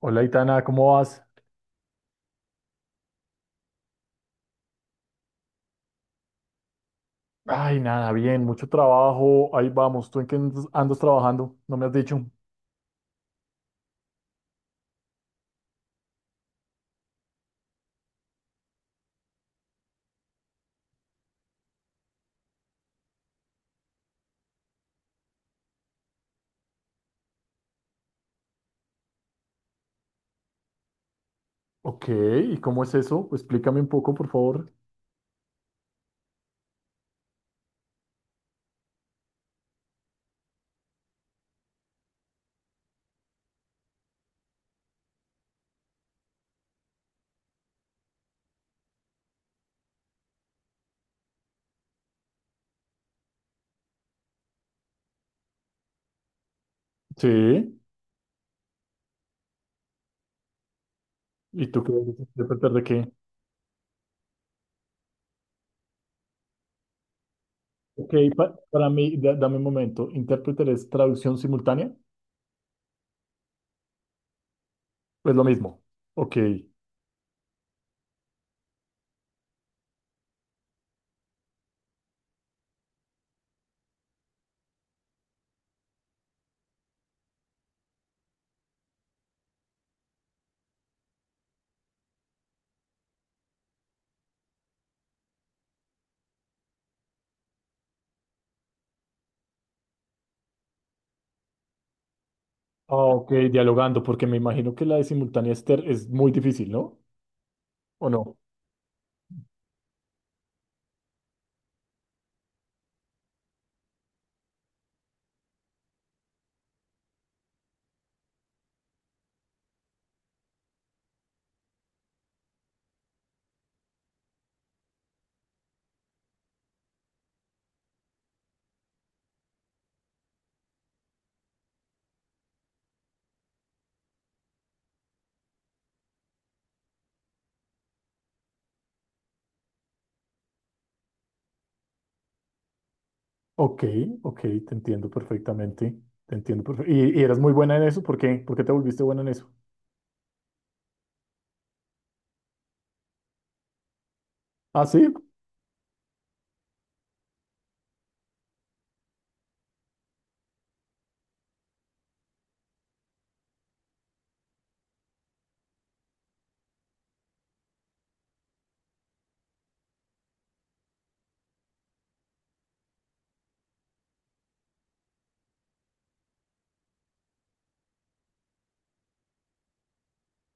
Hola, Itana, ¿cómo vas? Ay, nada, bien, mucho trabajo. Ahí vamos, ¿tú en qué andas trabajando? No me has dicho. Ok, ¿y cómo es eso? Explícame un poco, por favor. Sí, ¿y tú qué eres intérprete de qué? Ok, para mí, dame un momento. ¿Intérprete es traducción simultánea? Pues lo mismo. Ok. Ah, ok, dialogando, porque me imagino que la de simultánea es, es muy difícil, ¿no? ¿O no? Ok, ok, te entiendo perfectamente. Te entiendo perfectamente. ¿Y eras muy buena en eso? ¿Por qué? ¿Por qué te volviste buena en eso? Ah, sí,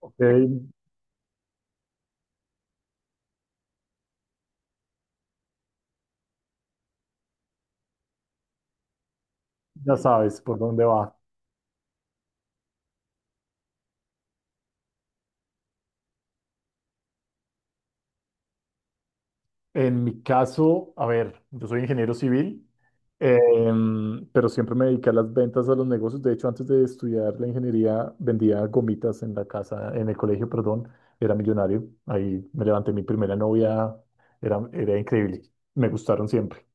ok, ya sabes por dónde va. En mi caso, a ver, yo soy ingeniero civil, pero siempre me dediqué a las ventas, a los negocios. De hecho, antes de estudiar la ingeniería, vendía gomitas en la casa, en el colegio, perdón, era millonario. Ahí me levanté mi primera novia, era, era increíble, me gustaron siempre.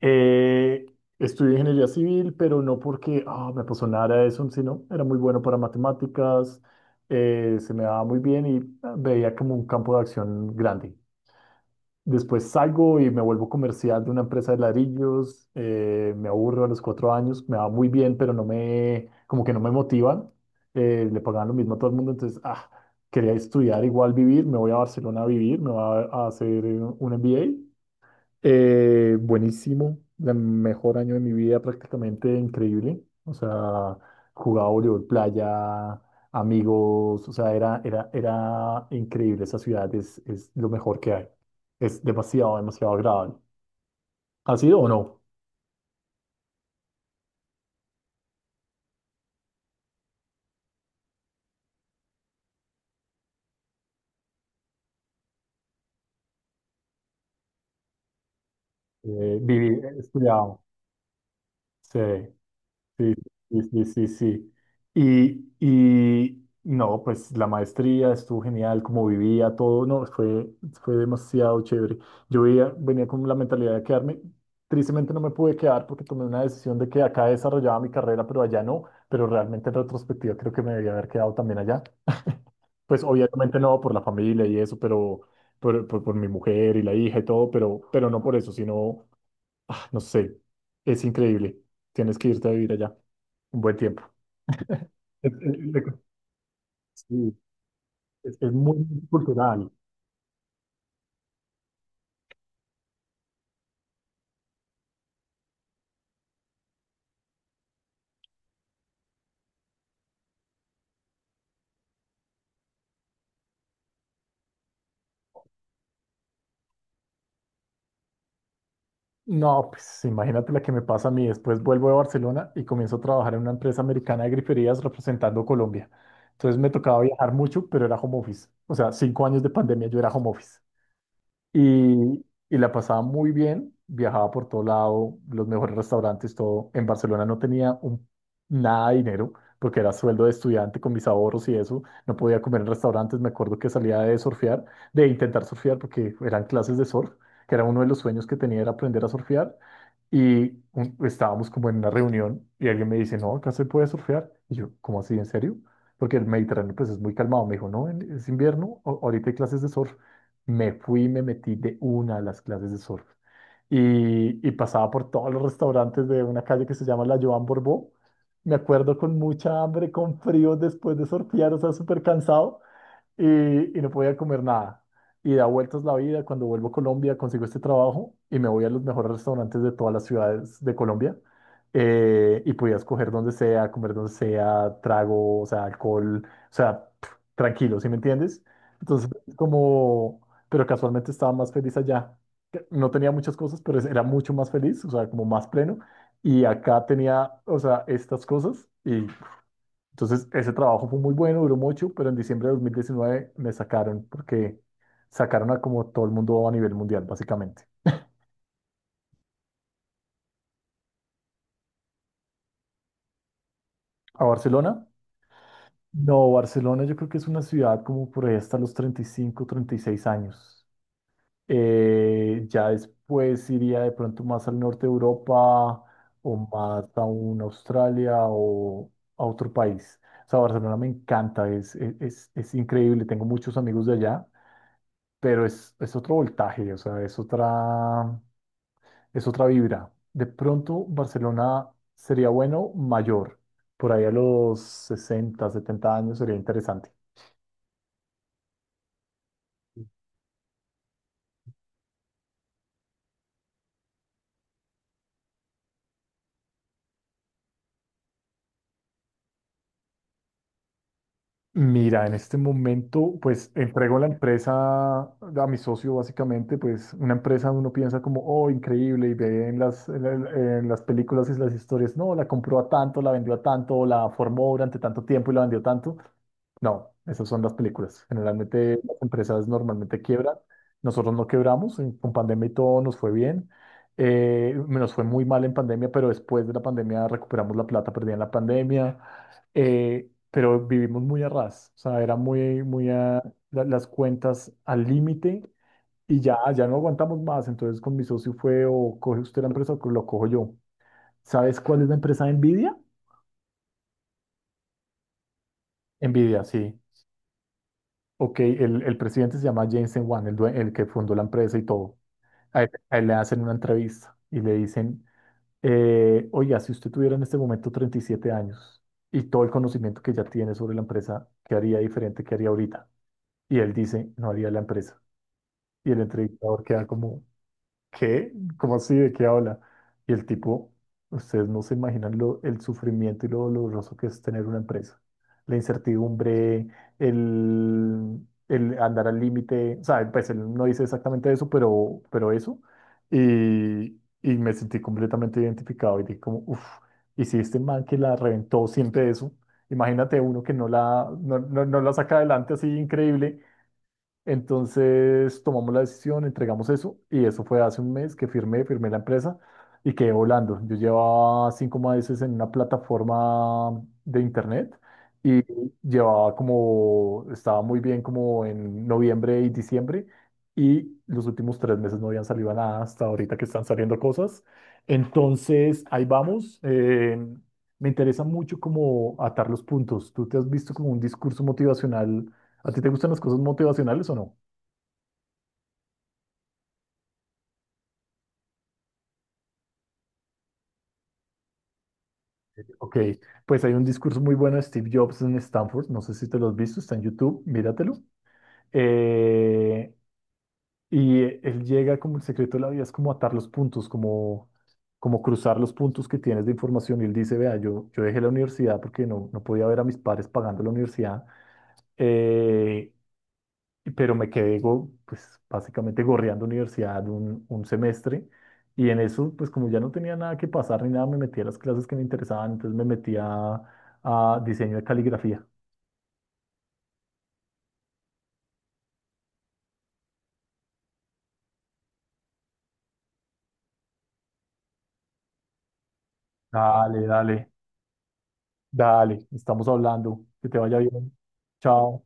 Eh, estudié ingeniería civil, pero no porque me apasionara eso, sino era muy bueno para matemáticas, se me daba muy bien y veía como un campo de acción grande. Después salgo y me vuelvo comercial de una empresa de ladrillos, me aburro a los 4 años, me va muy bien, pero no me, como que no me motivan, le pagaban lo mismo a todo el mundo, entonces, quería estudiar igual vivir, me voy a Barcelona a vivir, me voy a hacer un MBA. Buenísimo, el mejor año de mi vida, prácticamente increíble. O sea, jugaba voleibol playa, amigos, o sea, era, era, era increíble. Esa ciudad es lo mejor que hay. Es demasiado, demasiado agradable. ¿Ha sido o no? Viví, he estudiado. Sí, sí, sí, sí, sí, sí. Y no, pues la maestría estuvo genial, como vivía todo, no, fue, fue demasiado chévere. Yo venía con la mentalidad de quedarme, tristemente no me pude quedar porque tomé una decisión de que acá desarrollaba mi carrera, pero allá no, pero realmente en retrospectiva creo que me debía haber quedado también allá. Pues obviamente no por la familia y eso, pero por mi mujer y la hija y todo, pero no por eso, sino Ah, no sé, es increíble. Tienes que irte a vivir allá un buen tiempo. Es, sí, es muy cultural. No, pues imagínate la que me pasa a mí. Después vuelvo de Barcelona y comienzo a trabajar en una empresa americana de griferías representando Colombia. Entonces me tocaba viajar mucho, pero era home office. O sea, 5 años de pandemia yo era home office. Y la pasaba muy bien, viajaba por todo lado, los mejores restaurantes, todo. En Barcelona no tenía un, nada de dinero porque era sueldo de estudiante con mis ahorros y eso. No podía comer en restaurantes, me acuerdo que salía de surfear, de intentar surfear porque eran clases de surf, que era uno de los sueños que tenía era aprender a surfear. Y estábamos como en una reunión y alguien me dice, no, acá se puede surfear. Y yo, ¿cómo así? ¿En serio? Porque el Mediterráneo pues es muy calmado. Me dijo, no, es invierno, ahorita hay clases de surf. Me fui y me metí de una a las clases de surf. Y pasaba por todos los restaurantes de una calle que se llama la Joan Borbó. Me acuerdo con mucha hambre, con frío después de surfear, o sea, súper cansado y no podía comer nada. Y da vueltas la vida, cuando vuelvo a Colombia consigo este trabajo y me voy a los mejores restaurantes de todas las ciudades de Colombia. Y podía escoger donde sea, comer donde sea, trago, o sea, alcohol, o sea, pf, tranquilo, ¿sí me entiendes? Entonces, como, pero casualmente estaba más feliz allá. Que no tenía muchas cosas, pero era mucho más feliz, o sea, como más pleno. Y acá tenía, o sea, estas cosas y entonces, ese trabajo fue muy bueno, duró mucho, pero en diciembre de 2019 me sacaron porque sacaron a como todo el mundo a nivel mundial, básicamente. ¿A Barcelona? No, Barcelona yo creo que es una ciudad como por ahí hasta los 35, 36 años. Ya después iría de pronto más al norte de Europa o más a un Australia o a otro país. O sea, Barcelona me encanta, es, es increíble, tengo muchos amigos de allá pero es otro voltaje, o sea, es otra vibra. De pronto, Barcelona sería bueno mayor, por ahí a los 60, 70 años sería interesante. Mira, en este momento, pues entrego la empresa a mi socio, básicamente, pues una empresa uno piensa como, oh, increíble, y ve en las, en las películas y las historias, no, la compró a tanto, la vendió a tanto, la formó durante tanto tiempo y la vendió tanto. No, esas son las películas. Generalmente las empresas normalmente quiebran. Nosotros no quebramos, con pandemia y todo nos fue bien. Nos fue muy mal en pandemia, pero después de la pandemia recuperamos la plata perdida en la pandemia, pero vivimos muy a ras, o sea, era muy, muy a las cuentas al límite y ya, ya no aguantamos más, entonces con mi socio fue o coge usted la empresa o lo cojo yo. ¿Sabes cuál es la empresa de Nvidia? Nvidia, sí. Ok, el presidente se llama Jensen Huang, el, el que fundó la empresa y todo. A él le hacen una entrevista y le dicen, oiga, si usted tuviera en este momento 37 años y todo el conocimiento que ya tiene sobre la empresa, ¿qué haría diferente? ¿Qué haría ahorita? Y él dice, no haría la empresa. Y el entrevistador queda como, ¿qué? ¿Cómo así? ¿De qué habla? Y el tipo, ustedes no se imaginan lo, el sufrimiento y lo doloroso que es tener una empresa. La incertidumbre, el, el andar al límite, o sea, pues él no dice exactamente eso, pero eso. Y me sentí completamente identificado y dije como, uff, y si este man que la reventó siente eso, imagínate uno que no la, no, no, no la saca adelante así increíble, entonces tomamos la decisión, entregamos eso y eso fue hace un mes que firmé, firmé la empresa y quedé volando. Yo llevaba 5 meses en una plataforma de internet y llevaba como, estaba muy bien como en noviembre y diciembre y los últimos 3 meses no habían salido nada hasta ahorita que están saliendo cosas. Entonces ahí vamos. Me interesa mucho como atar los puntos. Tú te has visto como un discurso motivacional. ¿A ti te gustan las cosas motivacionales o no? Ok, pues hay un discurso muy bueno de Steve Jobs en Stanford, no sé si te lo has visto, está en YouTube, míratelo. Eh, y él llega como el secreto de la vida es como atar los puntos, como, como cruzar los puntos que tienes de información. Y él dice, vea, yo dejé la universidad porque no, no podía ver a mis padres pagando la universidad. Eh, pero me quedé, pues básicamente gorreando universidad un semestre y en eso, pues como ya no tenía nada que pasar ni nada, me metí a las clases que me interesaban, entonces me metí a diseño de caligrafía. Dale, dale, dale, estamos hablando, que te vaya bien. Chao.